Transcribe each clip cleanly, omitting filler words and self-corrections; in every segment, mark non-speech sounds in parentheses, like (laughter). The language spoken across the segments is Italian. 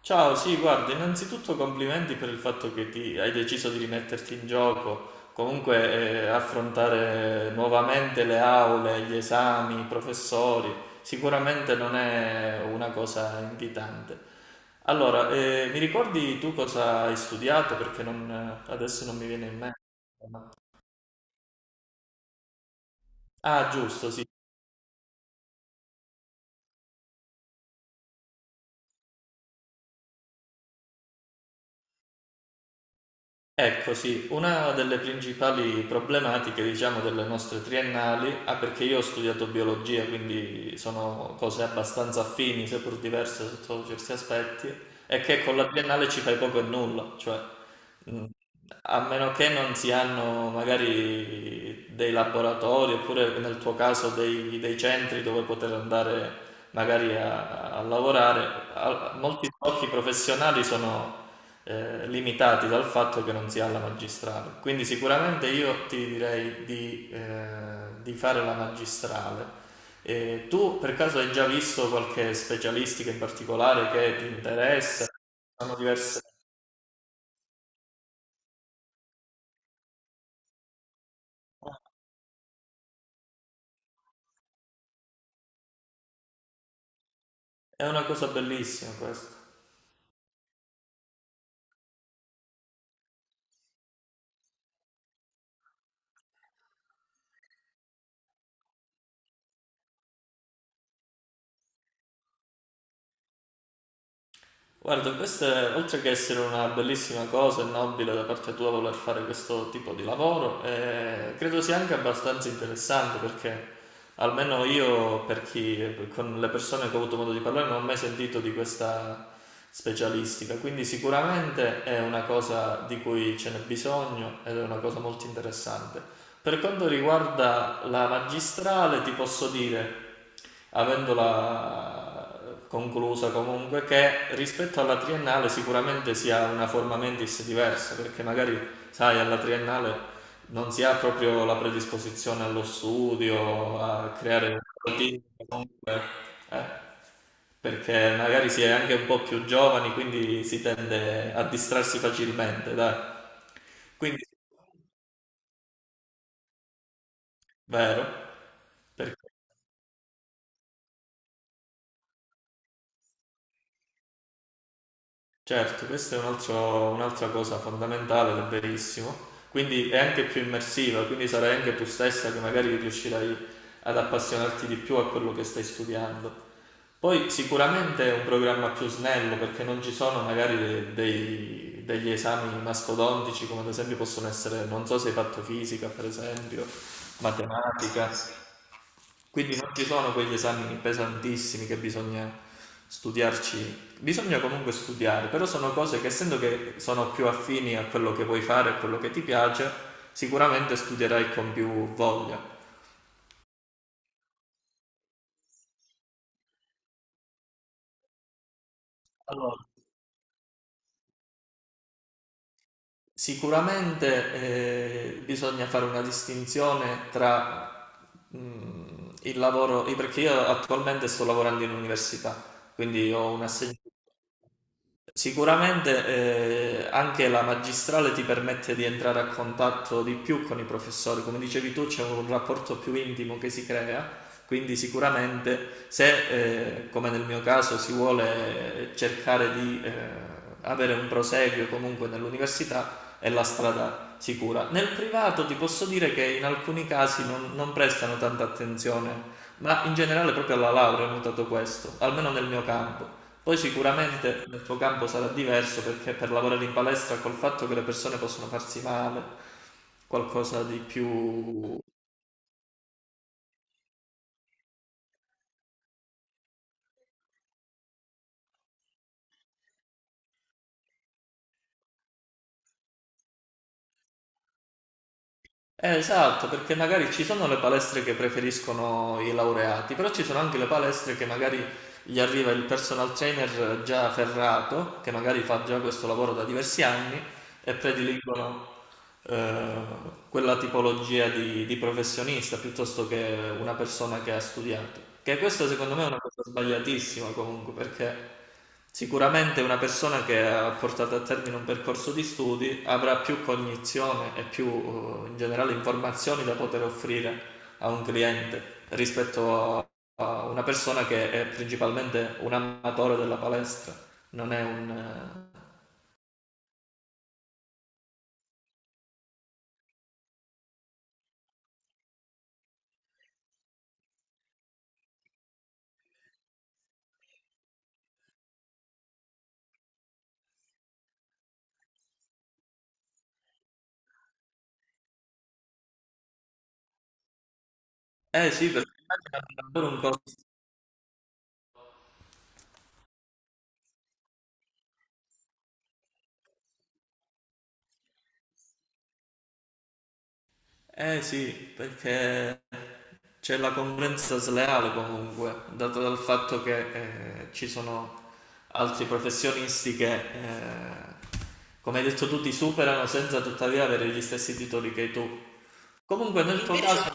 Ciao, sì, guarda, innanzitutto complimenti per il fatto che hai deciso di rimetterti in gioco, comunque affrontare nuovamente le aule, gli esami, i professori, sicuramente non è una cosa invitante. Allora, mi ricordi tu cosa hai studiato? Perché adesso non mi viene in mente. Ah, giusto, sì. Ecco, sì, una delle principali problematiche, diciamo, delle nostre triennali, ah, perché io ho studiato biologia, quindi sono cose abbastanza affini, seppur diverse sotto certi aspetti, è che con la triennale ci fai poco e nulla, cioè mh, a meno che non si hanno magari dei laboratori oppure nel tuo caso dei centri dove poter andare magari a lavorare, molti sbocchi professionali sono limitati dal fatto che non si ha la magistrale. Quindi sicuramente io ti direi di fare la magistrale. E tu per caso hai già visto qualche specialistica in particolare che ti interessa? Sono diverse. È una cosa bellissima questa. Guarda, questo è, oltre che essere una bellissima cosa e nobile da parte tua voler fare questo tipo di lavoro, credo sia anche abbastanza interessante perché almeno io, per chi, con le persone che ho avuto modo di parlare, non ho mai sentito di questa specialistica, quindi sicuramente è una cosa di cui ce n'è bisogno ed è una cosa molto interessante. Per quanto riguarda la magistrale, ti posso dire, avendola conclusa comunque, che rispetto alla triennale sicuramente si ha una forma mentis diversa, perché magari, sai, alla triennale non si ha proprio la predisposizione allo studio, a creare un routine, comunque, eh, perché magari si è anche un po' più giovani, quindi si tende a distrarsi facilmente, dai. Quindi, vero? Perché? Certo, questa è un'altra cosa fondamentale ed è verissimo. Quindi è anche più immersiva, quindi sarai anche tu stessa che magari riuscirai ad appassionarti di più a quello che stai studiando. Poi sicuramente è un programma più snello perché non ci sono magari degli esami mastodontici come ad esempio possono essere, non so se hai fatto fisica per esempio, matematica. Quindi non ci sono quegli esami pesantissimi che bisogna studiarci, bisogna comunque studiare, però sono cose che essendo che sono più affini a quello che vuoi fare, a quello che ti piace, sicuramente studierai con più voglia. Allora, sicuramente bisogna fare una distinzione tra il lavoro, perché io attualmente sto lavorando in università, quindi ho un assegno. Sicuramente anche la magistrale ti permette di entrare a contatto di più con i professori, come dicevi tu c'è un rapporto più intimo che si crea, quindi sicuramente se come nel mio caso si vuole cercare di avere un proseguio comunque nell'università è la strada sicura. Nel privato ti posso dire che in alcuni casi non prestano tanta attenzione, ma in generale proprio alla laurea ho notato questo, almeno nel mio campo. Poi sicuramente nel tuo campo sarà diverso perché per lavorare in palestra col fatto che le persone possono farsi male, qualcosa di più. Esatto, perché magari ci sono le palestre che preferiscono i laureati, però ci sono anche le palestre che magari gli arriva il personal trainer già ferrato, che magari fa già questo lavoro da diversi anni e prediligono eh, quella tipologia di professionista piuttosto che una persona che ha studiato. Che questo secondo me è una cosa sbagliatissima comunque, perché sicuramente una persona che ha portato a termine un percorso di studi avrà più cognizione e più in generale informazioni da poter offrire a un cliente rispetto a una persona che è principalmente un amatore della palestra, non è un, eh, eh sì, perché immagina davvero un costo. Eh sì, perché c'è la concorrenza sleale comunque, dato dal fatto che ci sono altri professionisti che, eh, come hai detto tu, ti superano senza tuttavia avere gli stessi titoli che hai tu. Comunque nel tuo invece caso.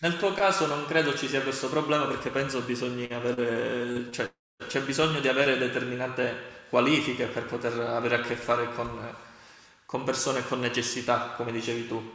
Nel tuo caso non credo ci sia questo problema perché penso bisogna avere, cioè, c'è bisogno di avere determinate qualifiche per poter avere a che fare con persone con necessità, come dicevi tu.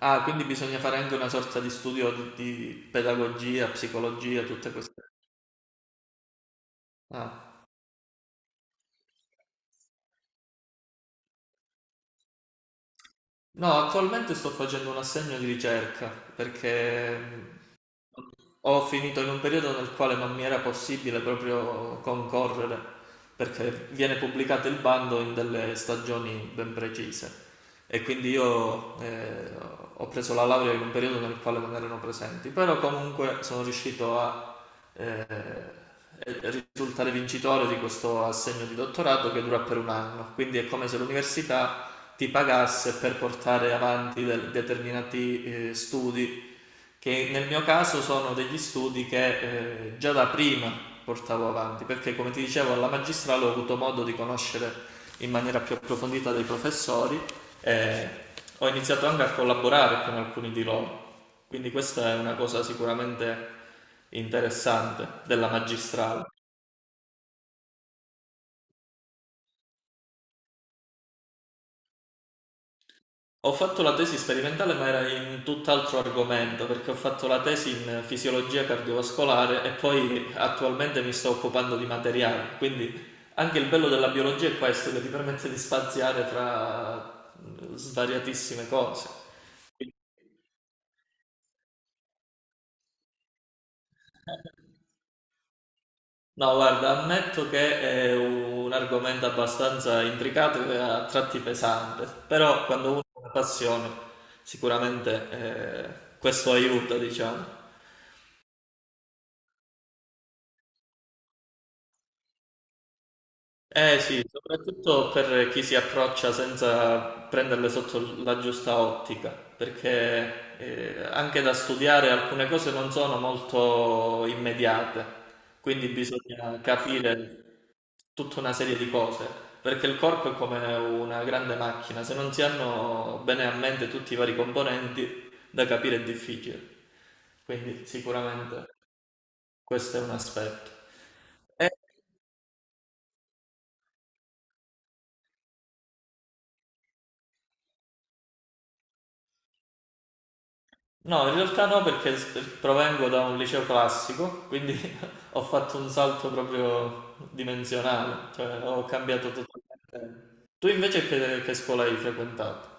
Ah, quindi bisogna fare anche una sorta di studio di pedagogia, psicologia, tutte queste. Ah. No, attualmente sto facendo un assegno di ricerca perché ho finito in un periodo nel quale non mi era possibile proprio concorrere perché viene pubblicato il bando in delle stagioni ben precise e quindi io ho preso la laurea in un periodo nel quale non erano presenti, però comunque sono riuscito a eh, risultare vincitore di questo assegno di dottorato che dura per un anno, quindi è come se l'università ti pagasse per portare avanti determinati studi che nel mio caso sono degli studi che già da prima portavo avanti, perché come ti dicevo alla magistrale ho avuto modo di conoscere in maniera più approfondita dei professori e ho iniziato anche a collaborare con alcuni di loro, quindi questa è una cosa sicuramente interessante della magistrale. Ho fatto la tesi sperimentale, ma era in tutt'altro argomento, perché ho fatto la tesi in fisiologia cardiovascolare e poi attualmente mi sto occupando di materiali. Quindi anche il bello della biologia è questo, che ti permette di spaziare fra svariatissime cose. No, guarda, ammetto che è un argomento abbastanza intricato e a tratti pesante, però quando uno ha una passione, sicuramente questo aiuta, diciamo. Eh sì, soprattutto per chi si approccia senza prenderle sotto la giusta ottica, perché anche da studiare alcune cose non sono molto immediate, quindi bisogna capire tutta una serie di cose, perché il corpo è come una grande macchina, se non si hanno bene a mente tutti i vari componenti, da capire è difficile. Quindi sicuramente questo è un aspetto. Eh, No, in realtà no, perché provengo da un liceo classico, quindi (laughs) ho fatto un salto proprio dimensionale, cioè ho cambiato totalmente. Tu invece che scuola hai frequentato?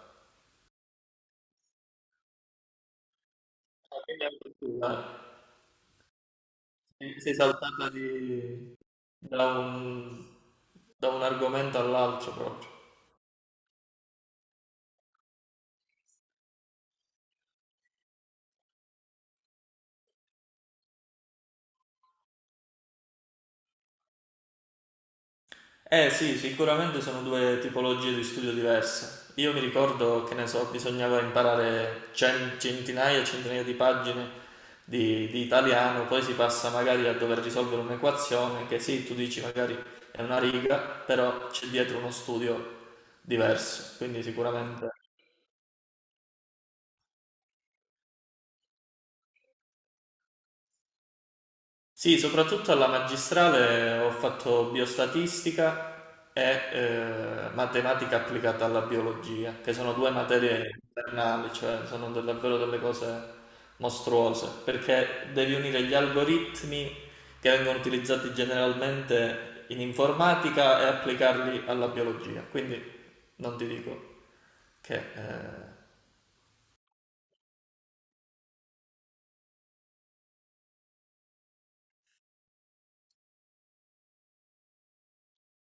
Ah, quindi anche tu, eh. Sei saltata da un, da un, argomento all'altro proprio. Eh sì, sicuramente sono due tipologie di studio diverse. Io mi ricordo che ne so, bisognava imparare centinaia e centinaia di pagine di italiano, poi si passa magari a dover risolvere un'equazione che sì, tu dici magari è una riga, però c'è dietro uno studio diverso, quindi sicuramente. Sì, soprattutto alla magistrale ho fatto biostatistica e matematica applicata alla biologia, che sono due materie infernali, cioè sono davvero delle cose mostruose, perché devi unire gli algoritmi che vengono utilizzati generalmente in informatica e applicarli alla biologia. Quindi non ti dico che.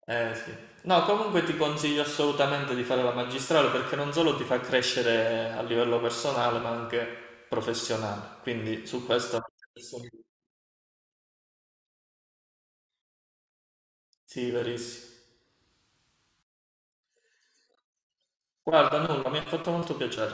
Eh sì. No, comunque ti consiglio assolutamente di fare la magistrale perché non solo ti fa crescere a livello personale, ma anche professionale. Quindi su questo sì, verissimo. Guarda, nulla, mi ha fatto molto piacere.